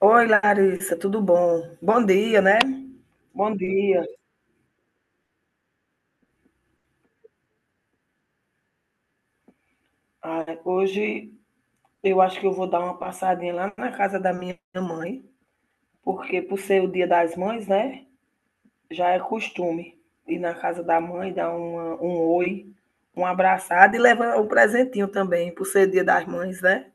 Oi, Larissa, tudo bom? Bom dia, né? Bom dia. Ai, hoje eu acho que eu vou dar uma passadinha lá na casa da minha mãe, porque por ser o Dia das Mães, né? Já é costume ir na casa da mãe, dar um oi, um abraçado e levar um presentinho também, por ser Dia das Mães, né?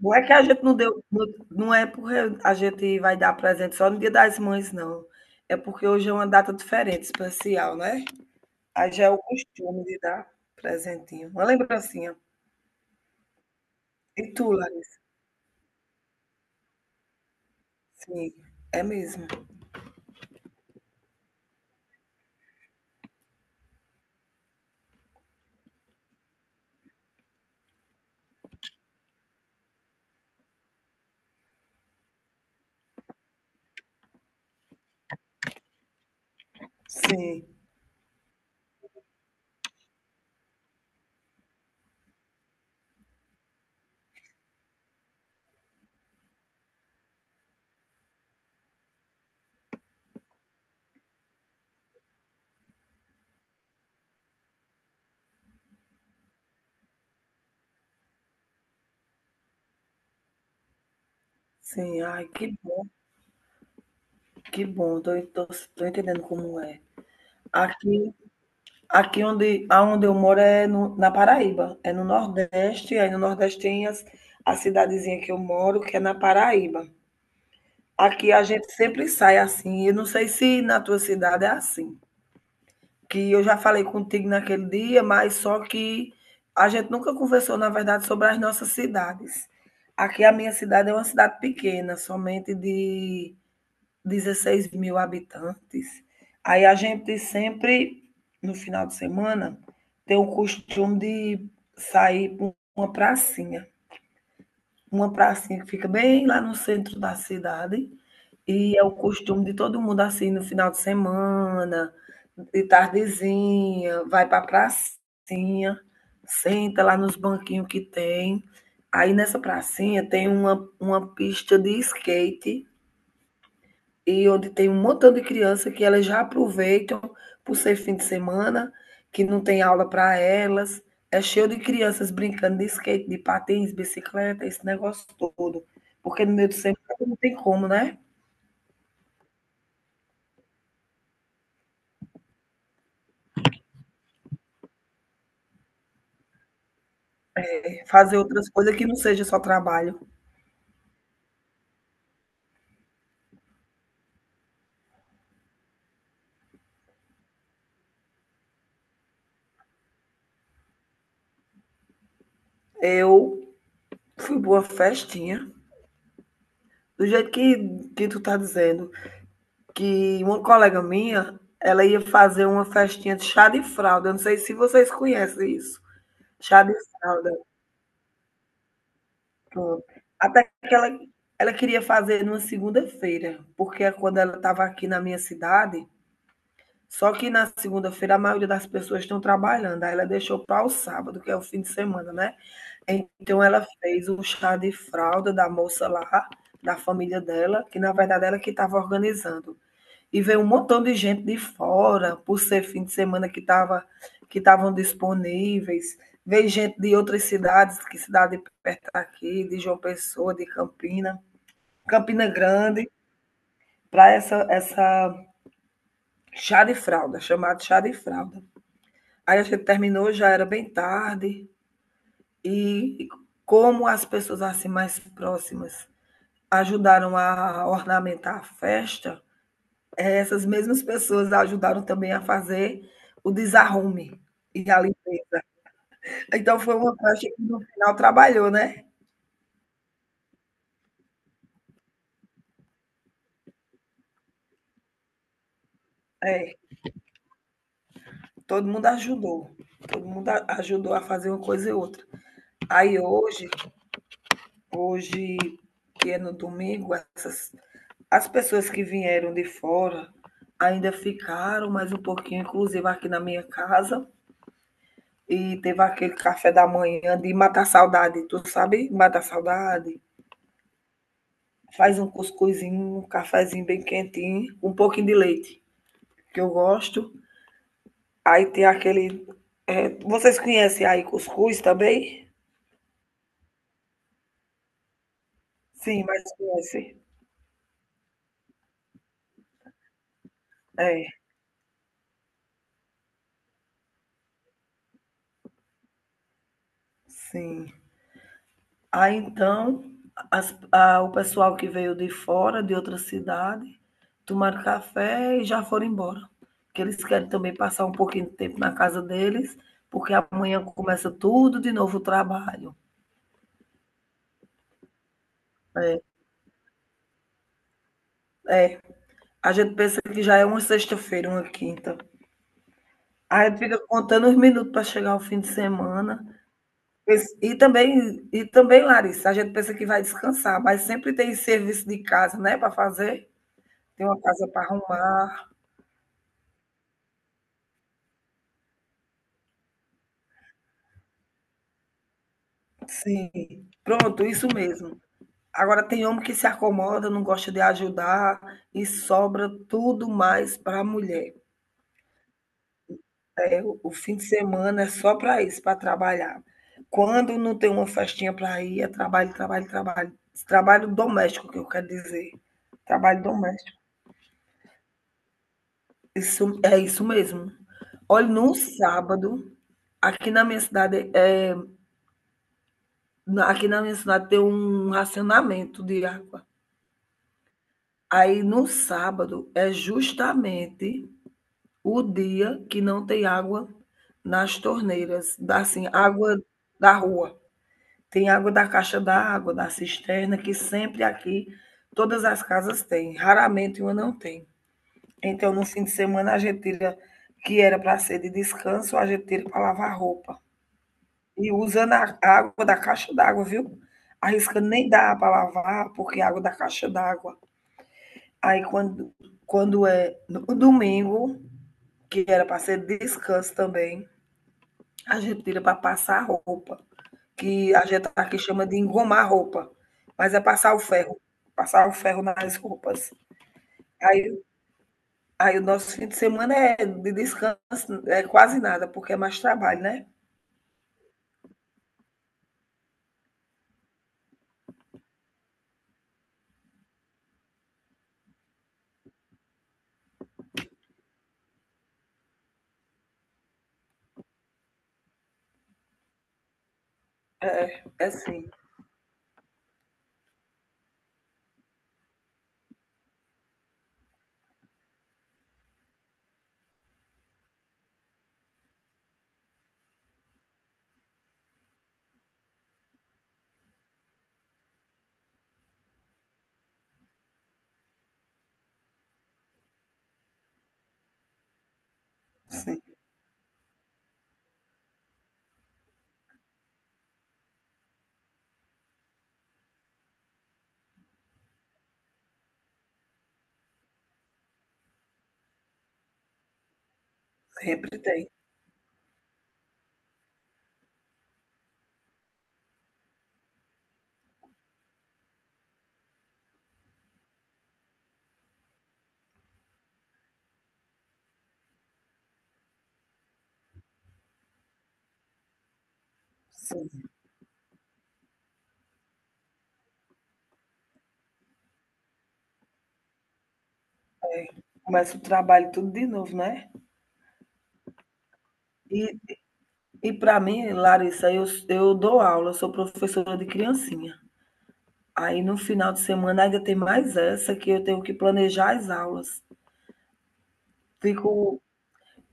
Não é que a gente não deu, não. Não é porque a gente vai dar presente só no Dia das Mães, não. É porque hoje é uma data diferente, especial, né? Aí já é o costume de dar presentinho, uma lembrancinha. E tu, Larissa? Sim, é mesmo. Sim, sim. Ai, que bom, que bom. Tô entendendo como é. Aqui, aqui aonde eu moro é na Paraíba, é no Nordeste, aí no Nordeste tem a cidadezinha que eu moro, que é na Paraíba. Aqui a gente sempre sai assim, eu não sei se na tua cidade é assim. Que eu já falei contigo naquele dia, mas só que a gente nunca conversou, na verdade, sobre as nossas cidades. Aqui a minha cidade é uma cidade pequena, somente de 16 mil habitantes. Aí a gente sempre, no final de semana, tem o costume de sair para uma pracinha. Uma pracinha que fica bem lá no centro da cidade. E é o costume de todo mundo, assim, no final de semana, de tardezinha, vai para a pracinha, senta lá nos banquinhos que tem. Aí nessa pracinha tem uma pista de skate e onde tem um montão de criança que elas já aproveitam, por ser fim de semana, que não tem aula para elas. É cheio de crianças brincando de skate, de patins, bicicleta, esse negócio todo, porque no meio do semana não tem como, né? Fazer outras coisas que não seja só trabalho. Eu fui boa festinha. Do jeito que tu tá dizendo, que uma colega minha, ela ia fazer uma festinha de chá de fralda. Eu não sei se vocês conhecem isso. Chá de fralda. Pronto. Até que ela queria fazer numa segunda-feira, porque é quando ela estava aqui na minha cidade, só que na segunda-feira a maioria das pessoas estão trabalhando. Aí ela deixou para o sábado, que é o fim de semana, né? Então ela fez o chá de fralda da moça lá, da família dela, que na verdade ela que estava organizando. E veio um montão de gente de fora, por ser fim de semana que estavam disponíveis. Veio gente de outras cidades, que cidade perto daqui, de João Pessoa, de Campina, Campina Grande, para essa chá de fralda, chamado chá de fralda. Aí a gente terminou, já era bem tarde, e como as pessoas assim mais próximas ajudaram a ornamentar a festa, é, essas mesmas pessoas ajudaram também a fazer o desarrume e a limpeza. Então foi uma festa que no final trabalhou, né? É, todo mundo ajudou. Todo mundo ajudou a fazer uma coisa e outra. Aí hoje que é no domingo, essas as pessoas que vieram de fora ainda ficaram mais um pouquinho, inclusive aqui na minha casa. E teve aquele café da manhã de matar saudade, tu sabe? Matar saudade. Faz um cuscuzinho, um cafezinho bem quentinho, um pouquinho de leite, que eu gosto. Aí tem aquele. É, vocês conhecem aí cuscuz também? Sim, mas conhecem. É, sim. Aí então, o pessoal que veio de fora, de outra cidade, tomaram café e já foram embora. Porque eles querem também passar um pouquinho de tempo na casa deles, porque amanhã começa tudo de novo o trabalho. É, é. A gente pensa que já é uma sexta-feira, uma quinta. Aí a gente fica contando os minutos para chegar ao fim de semana. E também, Larissa, a gente pensa que vai descansar, mas sempre tem serviço de casa, né, para fazer. Tem uma casa para arrumar. Sim, pronto, isso mesmo. Agora tem homem que se acomoda, não gosta de ajudar e sobra tudo mais para a mulher. É, o fim de semana é só para isso, para trabalhar. Quando não tem uma festinha para ir, é trabalho, trabalho, trabalho. Trabalho doméstico que eu quero dizer. Trabalho doméstico. Isso é isso mesmo. Olha, no sábado, aqui na minha cidade, é, aqui na minha cidade tem um racionamento de água. Aí no sábado é justamente o dia que não tem água nas torneiras, da assim, água da rua. Tem água da caixa d'água, da cisterna, que sempre aqui todas as casas têm, raramente uma não tem. Então no fim de semana a gente tira que era para ser de descanso, a gente tira para lavar roupa. E usando a água da caixa d'água, viu? Arrisca nem dá para lavar, porque é água da caixa d'água. Aí quando é no domingo, que era para ser descanso também, a gente tira para passar roupa, que a gente aqui chama de engomar roupa, mas é passar o ferro nas roupas. Aí, aí o nosso fim de semana é de descanso, é quase nada, porque é mais trabalho, né? É, sim, sim, sempre tem. Sim. Começa o trabalho tudo de novo, né? E, e, para mim, Larissa, eu dou aula, eu sou professora de criancinha. Aí no final de semana ainda tem mais essa que eu tenho que planejar as aulas. Fico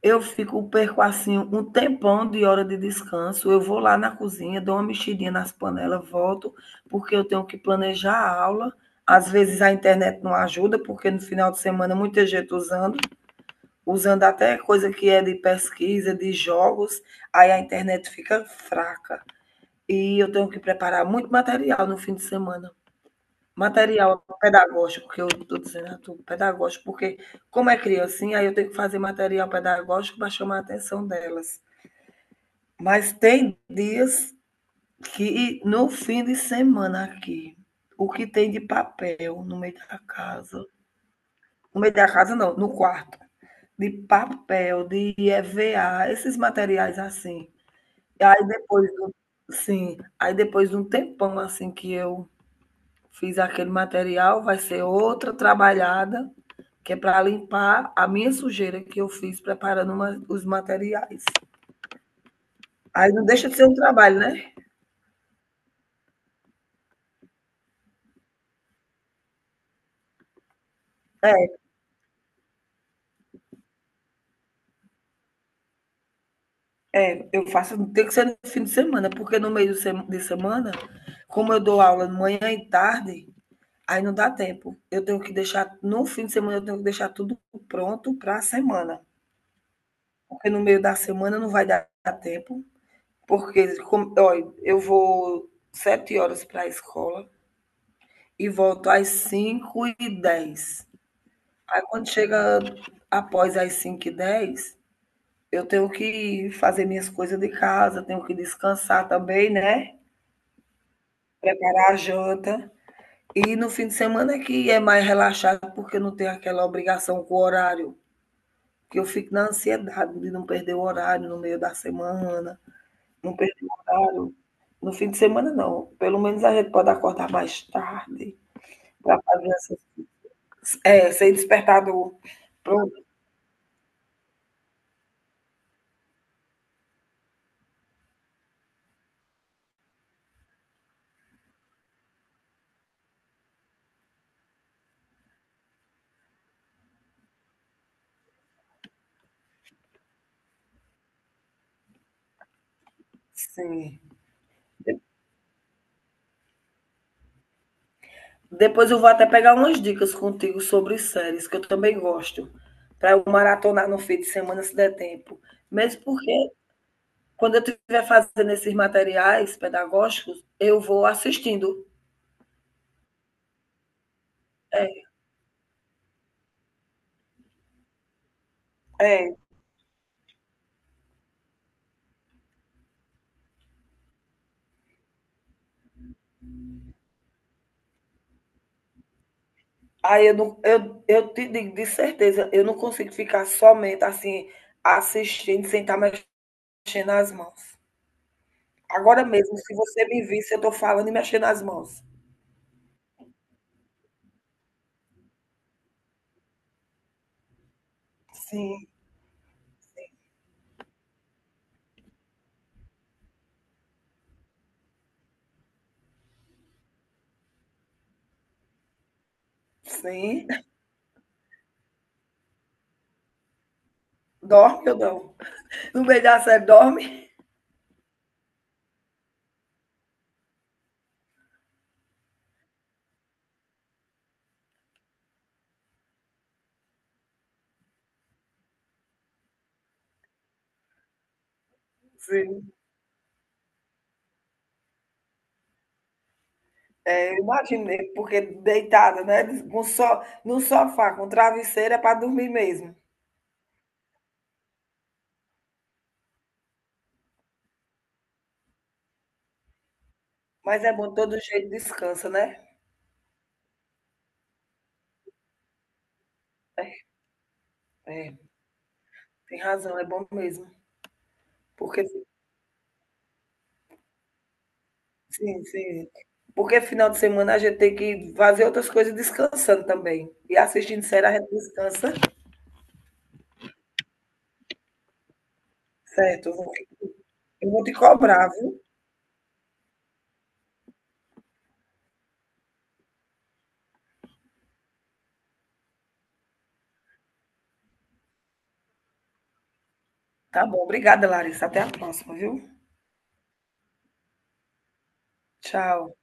Eu fico perco, assim, um tempão de hora de descanso, eu vou lá na cozinha, dou uma mexidinha nas panelas, volto, porque eu tenho que planejar a aula. Às vezes a internet não ajuda, porque no final de semana muita gente usando, até coisa que é de pesquisa, de jogos, aí a internet fica fraca. E eu tenho que preparar muito material no fim de semana. Material pedagógico, que eu estou dizendo, tudo pedagógico, porque como é criancinha, aí eu tenho que fazer material pedagógico para chamar a atenção delas. Mas tem dias que no fim de semana aqui, o que tem de papel no meio da casa, no meio da casa não, no quarto, de papel, de EVA, esses materiais assim. aí depois do, sim, aí depois de um tempão assim que eu fiz aquele material, vai ser outra trabalhada, que é para limpar a minha sujeira que eu fiz preparando os materiais. Aí não deixa de ser um trabalho, né? É, é, eu faço, tem que ser no fim de semana, porque no meio de semana, como eu dou aula de manhã e tarde, aí não dá tempo. Eu tenho que deixar, no fim de semana, eu tenho que deixar tudo pronto para a semana. Porque no meio da semana não vai dar tempo. Porque, como, olha, eu vou 7h para a escola, e volto às 5h10. Aí quando chega após as 5h10, eu tenho que fazer minhas coisas de casa, tenho que descansar também, né? Preparar a janta. E no fim de semana é que é mais relaxado, porque não tem aquela obrigação com o horário. Que eu fico na ansiedade de não perder o horário no meio da semana, não perder o horário. No fim de semana, não. Pelo menos a gente pode acordar mais tarde para fazer essas. É, sem despertador. Pronto. Sim. De- Depois eu vou até pegar umas dicas contigo sobre séries, que eu também gosto, para eu maratonar no fim de semana, se der tempo. Mesmo porque, quando eu estiver fazendo esses materiais pedagógicos, eu vou assistindo. É, é. Aí eu, não, eu te digo de certeza, eu não consigo ficar somente assim, assistindo, sem estar mexendo as mãos. Agora mesmo, se você me visse, eu estou falando e mexendo as mãos. Sim, sim. Dorme ou não? No meio da série dorme. Sim, é, eu imaginei, porque deitada, né? Com so, no sofá, com travesseira é para dormir mesmo. Mas é bom, de todo jeito descansa, né? É, é, tem razão, é bom mesmo. Porque, sim, sim. Porque final de semana a gente tem que fazer outras coisas descansando também. E assistindo série a gente descansa. Certo, eu vou te cobrar, viu? Tá bom, obrigada, Larissa. Até a próxima, viu? Tchau.